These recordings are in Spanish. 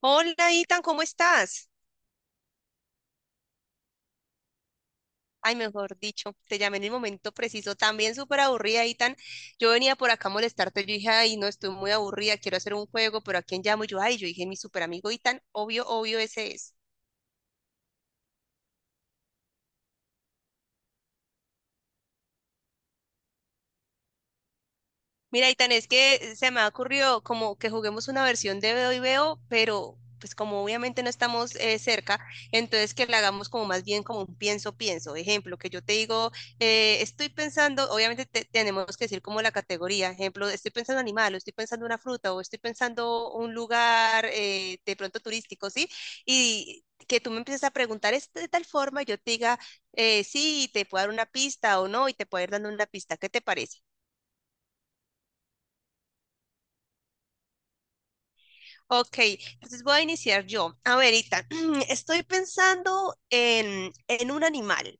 Hola, Itan, ¿cómo estás? Ay, mejor dicho, te llamé en el momento preciso. También súper aburrida, Itan. Yo venía por acá a molestarte. Yo dije, ay, no, estoy muy aburrida, quiero hacer un juego, pero ¿a quién llamo? Y yo, ay, yo dije, mi súper amigo Itan, obvio, obvio, ese es. Mira, Itan, es que se me ha ocurrido como que juguemos una versión de Veo y Veo, pero pues como obviamente no estamos cerca, entonces que la hagamos como más bien como un pienso, pienso. Ejemplo, que yo te digo, estoy pensando, obviamente tenemos que decir como la categoría, ejemplo, estoy pensando animal, o estoy pensando una fruta, o estoy pensando un lugar de pronto turístico, ¿sí? Y que tú me empieces a preguntar es de tal forma, yo te diga, sí, te puedo dar una pista o no, y te puedo ir dando una pista, ¿qué te parece? Ok, entonces voy a iniciar yo. A ver, Ethan, estoy pensando en un animal.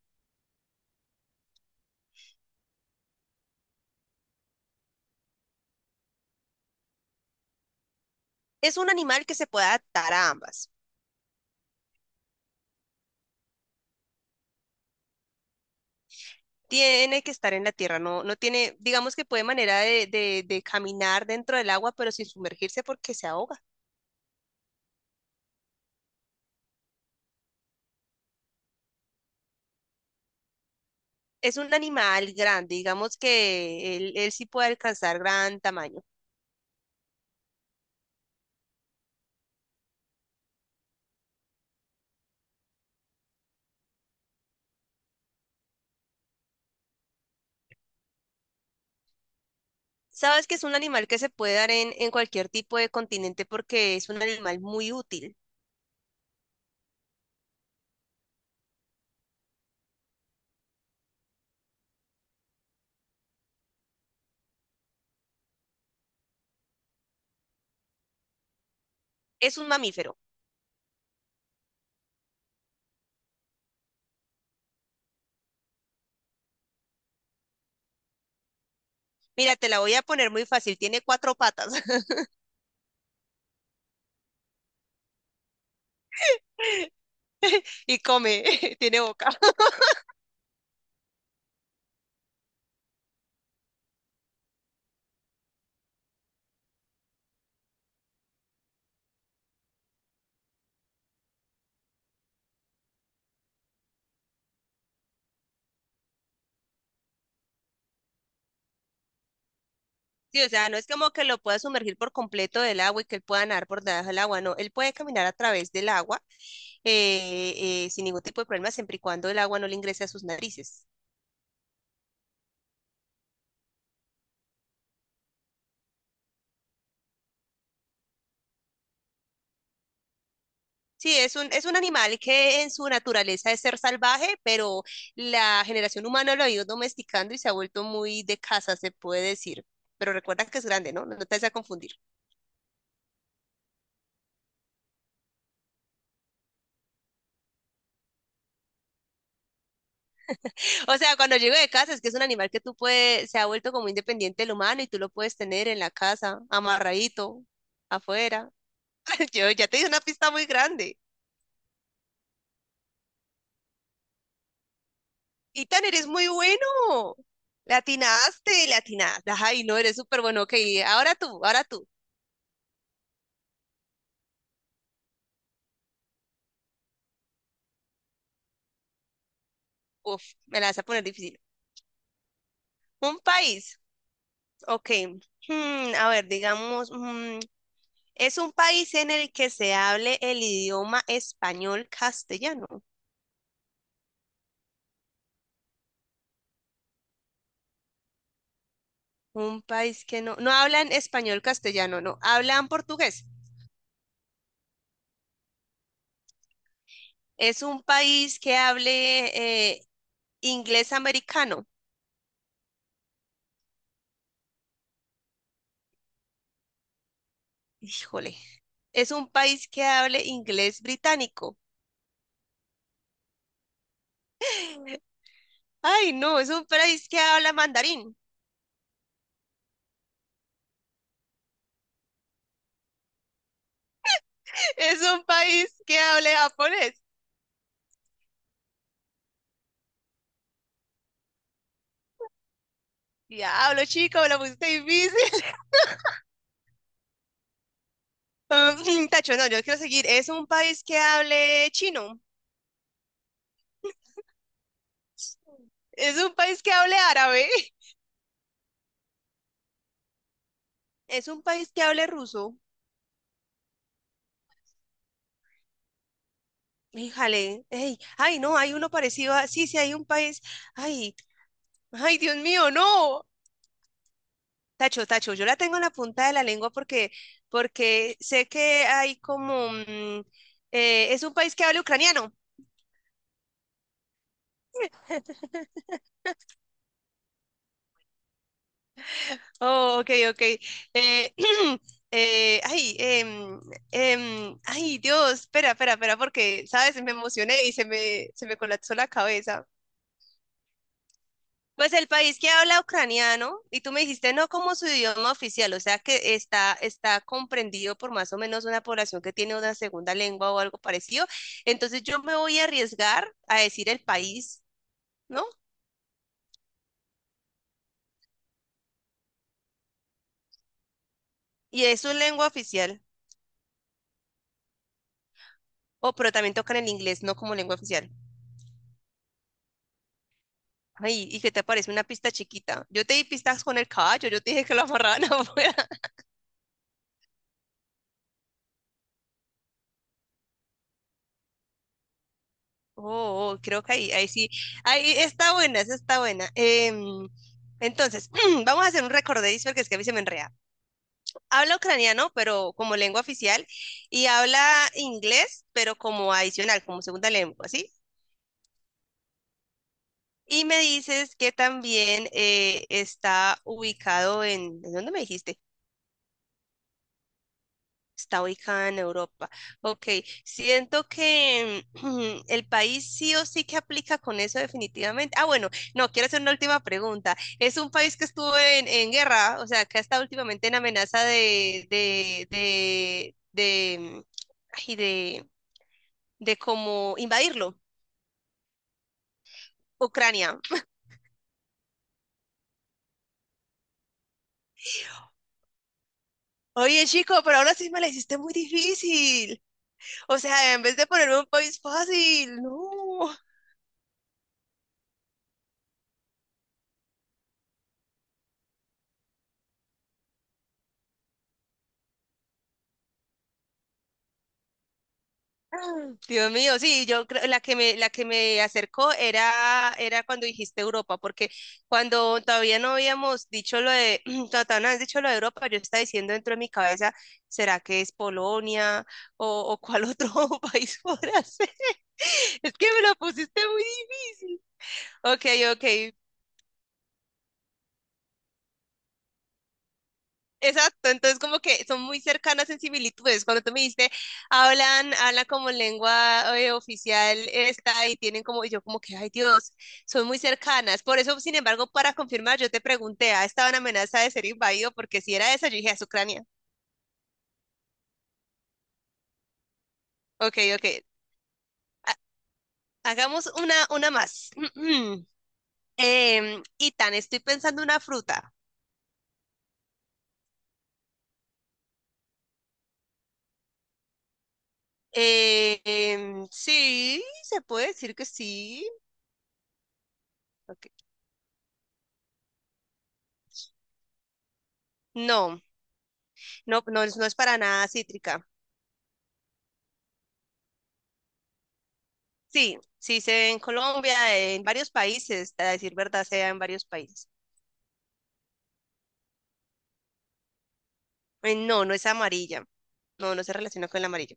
Es un animal que se puede adaptar a ambas. Tiene que estar en la tierra, no, no tiene, digamos que puede manera de caminar dentro del agua, pero sin sumergirse porque se ahoga. Es un animal grande, digamos que él sí puede alcanzar gran tamaño. Sabes que es un animal que se puede dar en cualquier tipo de continente porque es un animal muy útil. Es un mamífero. Mira, te la voy a poner muy fácil, tiene cuatro patas. Y come, tiene boca. Sí, o sea, no es como que lo pueda sumergir por completo del agua y que él pueda nadar por debajo del agua, no, él puede caminar a través del agua sin ningún tipo de problema, siempre y cuando el agua no le ingrese a sus narices. Sí, es es un animal que en su naturaleza es ser salvaje, pero la generación humana lo ha ido domesticando y se ha vuelto muy de casa, se puede decir. Pero recuerda que es grande, ¿no? No te vas a confundir. O sea, cuando llego de casa es que es un animal que tú puedes, se ha vuelto como independiente del humano y tú lo puedes tener en la casa, amarradito, afuera. Yo ya te di una pista muy grande. Tan eres muy bueno. Le atinaste, le atinaste. Ay, no, eres súper bueno. Ok, ahora tú, ahora tú. Uf, me la vas a poner difícil. Un país. Ok. Hmm, a ver, digamos, es un país en el que se hable el idioma español castellano. Un país que no, no hablan español castellano, no, hablan portugués. Es un país que hable inglés americano. Híjole, es un país que hable inglés británico. Ay, no, es un país que habla mandarín. Es un país que hable japonés. Diablo, chico, me lo pusiste difícil. Mm, tacho, no, yo quiero seguir. Es un país que hable chino. Es un país que hable árabe. Es un país que hable ruso. Híjale, ey, ay, no, hay uno parecido a, sí, sí, hay un país, ay, ay, Dios mío, no. Tacho, tacho, yo la tengo en la punta de la lengua porque, porque sé que hay como, es un país que habla ucraniano. Oh, ok, ok. Eh, eh, ay, em, ay, Dios, espera, espera, espera, porque, ¿sabes? Me emocioné y se me colapsó la cabeza. Pues el país que habla ucraniano, y tú me dijiste no como su idioma oficial, o sea que está, está comprendido por más o menos una población que tiene una segunda lengua o algo parecido. Entonces yo me voy a arriesgar a decir el país, ¿no? Y es su lengua oficial. Oh, pero también tocan el inglés, no como lengua oficial. Ay, ¿y qué te parece una pista chiquita? Yo te di pistas con el caballo, yo te dije que lo amarraban afuera. Oh, oh, creo que ahí, ahí sí. Ahí está buena, esa está buena. Em, entonces, vamos a hacer un recordadizo porque es que a mí se me enrea. Habla ucraniano, pero como lengua oficial, y habla inglés, pero como adicional, como segunda lengua, ¿sí? Y me dices que también está ubicado ¿en dónde me dijiste? Está ubicada en Europa. Ok, siento que el país sí o sí que aplica con eso definitivamente. Ah, bueno, no, quiero hacer una última pregunta. Es un país que estuvo en guerra, o sea, que ha estado últimamente en amenaza ay, de como invadirlo. Ucrania. Oye, chico, pero ahora sí me la hiciste muy difícil. O sea, en vez de ponerme un país fácil, no. Dios mío, sí, yo creo la que me acercó era cuando dijiste Europa, porque cuando todavía no habíamos dicho lo de cuando todavía no habías dicho lo de Europa, yo estaba diciendo dentro de mi cabeza, ¿será que es Polonia o cuál otro país podrá ser? Es que me la pusiste muy difícil. Ok, ok, exacto, entonces como que son muy cercanas en similitudes. Cuando tú me dijiste, hablan, hablan como lengua oficial esta y tienen como, y yo como que, ay Dios, son muy cercanas. Por eso, sin embargo, para confirmar, yo te pregunté, ¿ah, estaba en amenaza de ser invadido? Porque si era esa, yo dije, es Ucrania. Ok, ok. Ha- hagamos una más. Em, y estoy pensando una fruta. Em, sí, se puede decir que sí. Ok. No, no, no, no es para nada cítrica. Sí, sí se ve en Colombia, en varios países, a decir verdad, se da en varios países. No, no es amarilla. No, no se relaciona con el amarillo.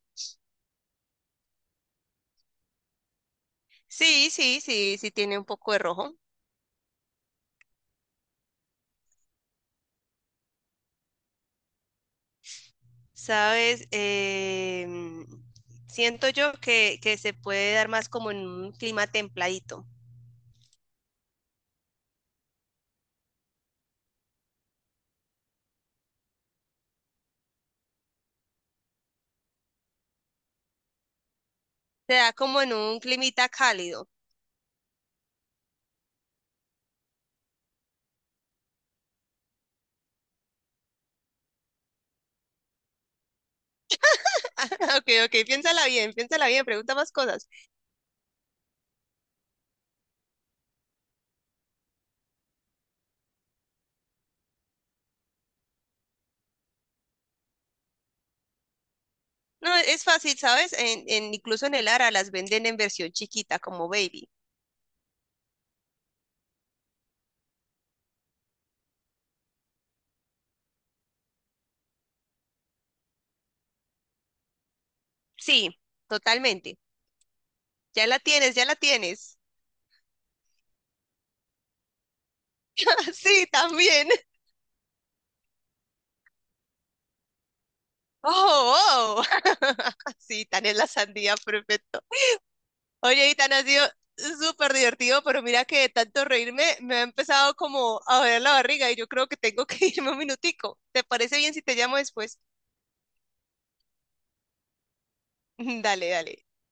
Sí, sí, sí, sí tiene un poco de rojo. Sabes, em, siento yo que se puede dar más como en un clima templadito. Se da como en un climita cálido. Ok, ok, piénsala bien, pregunta más cosas. No, es fácil, ¿sabes? Incluso en el Ara las venden en versión chiquita, como baby. Sí, totalmente. Ya la tienes, ya la tienes. Sí, también. Oh, oh. Sí, tan es la sandía, perfecto. Oye, y tan ha sido súper divertido, pero mira que de tanto reírme me ha empezado como a doler la barriga y yo creo que tengo que irme un minutico. ¿Te parece bien si te llamo después? Dale, dale.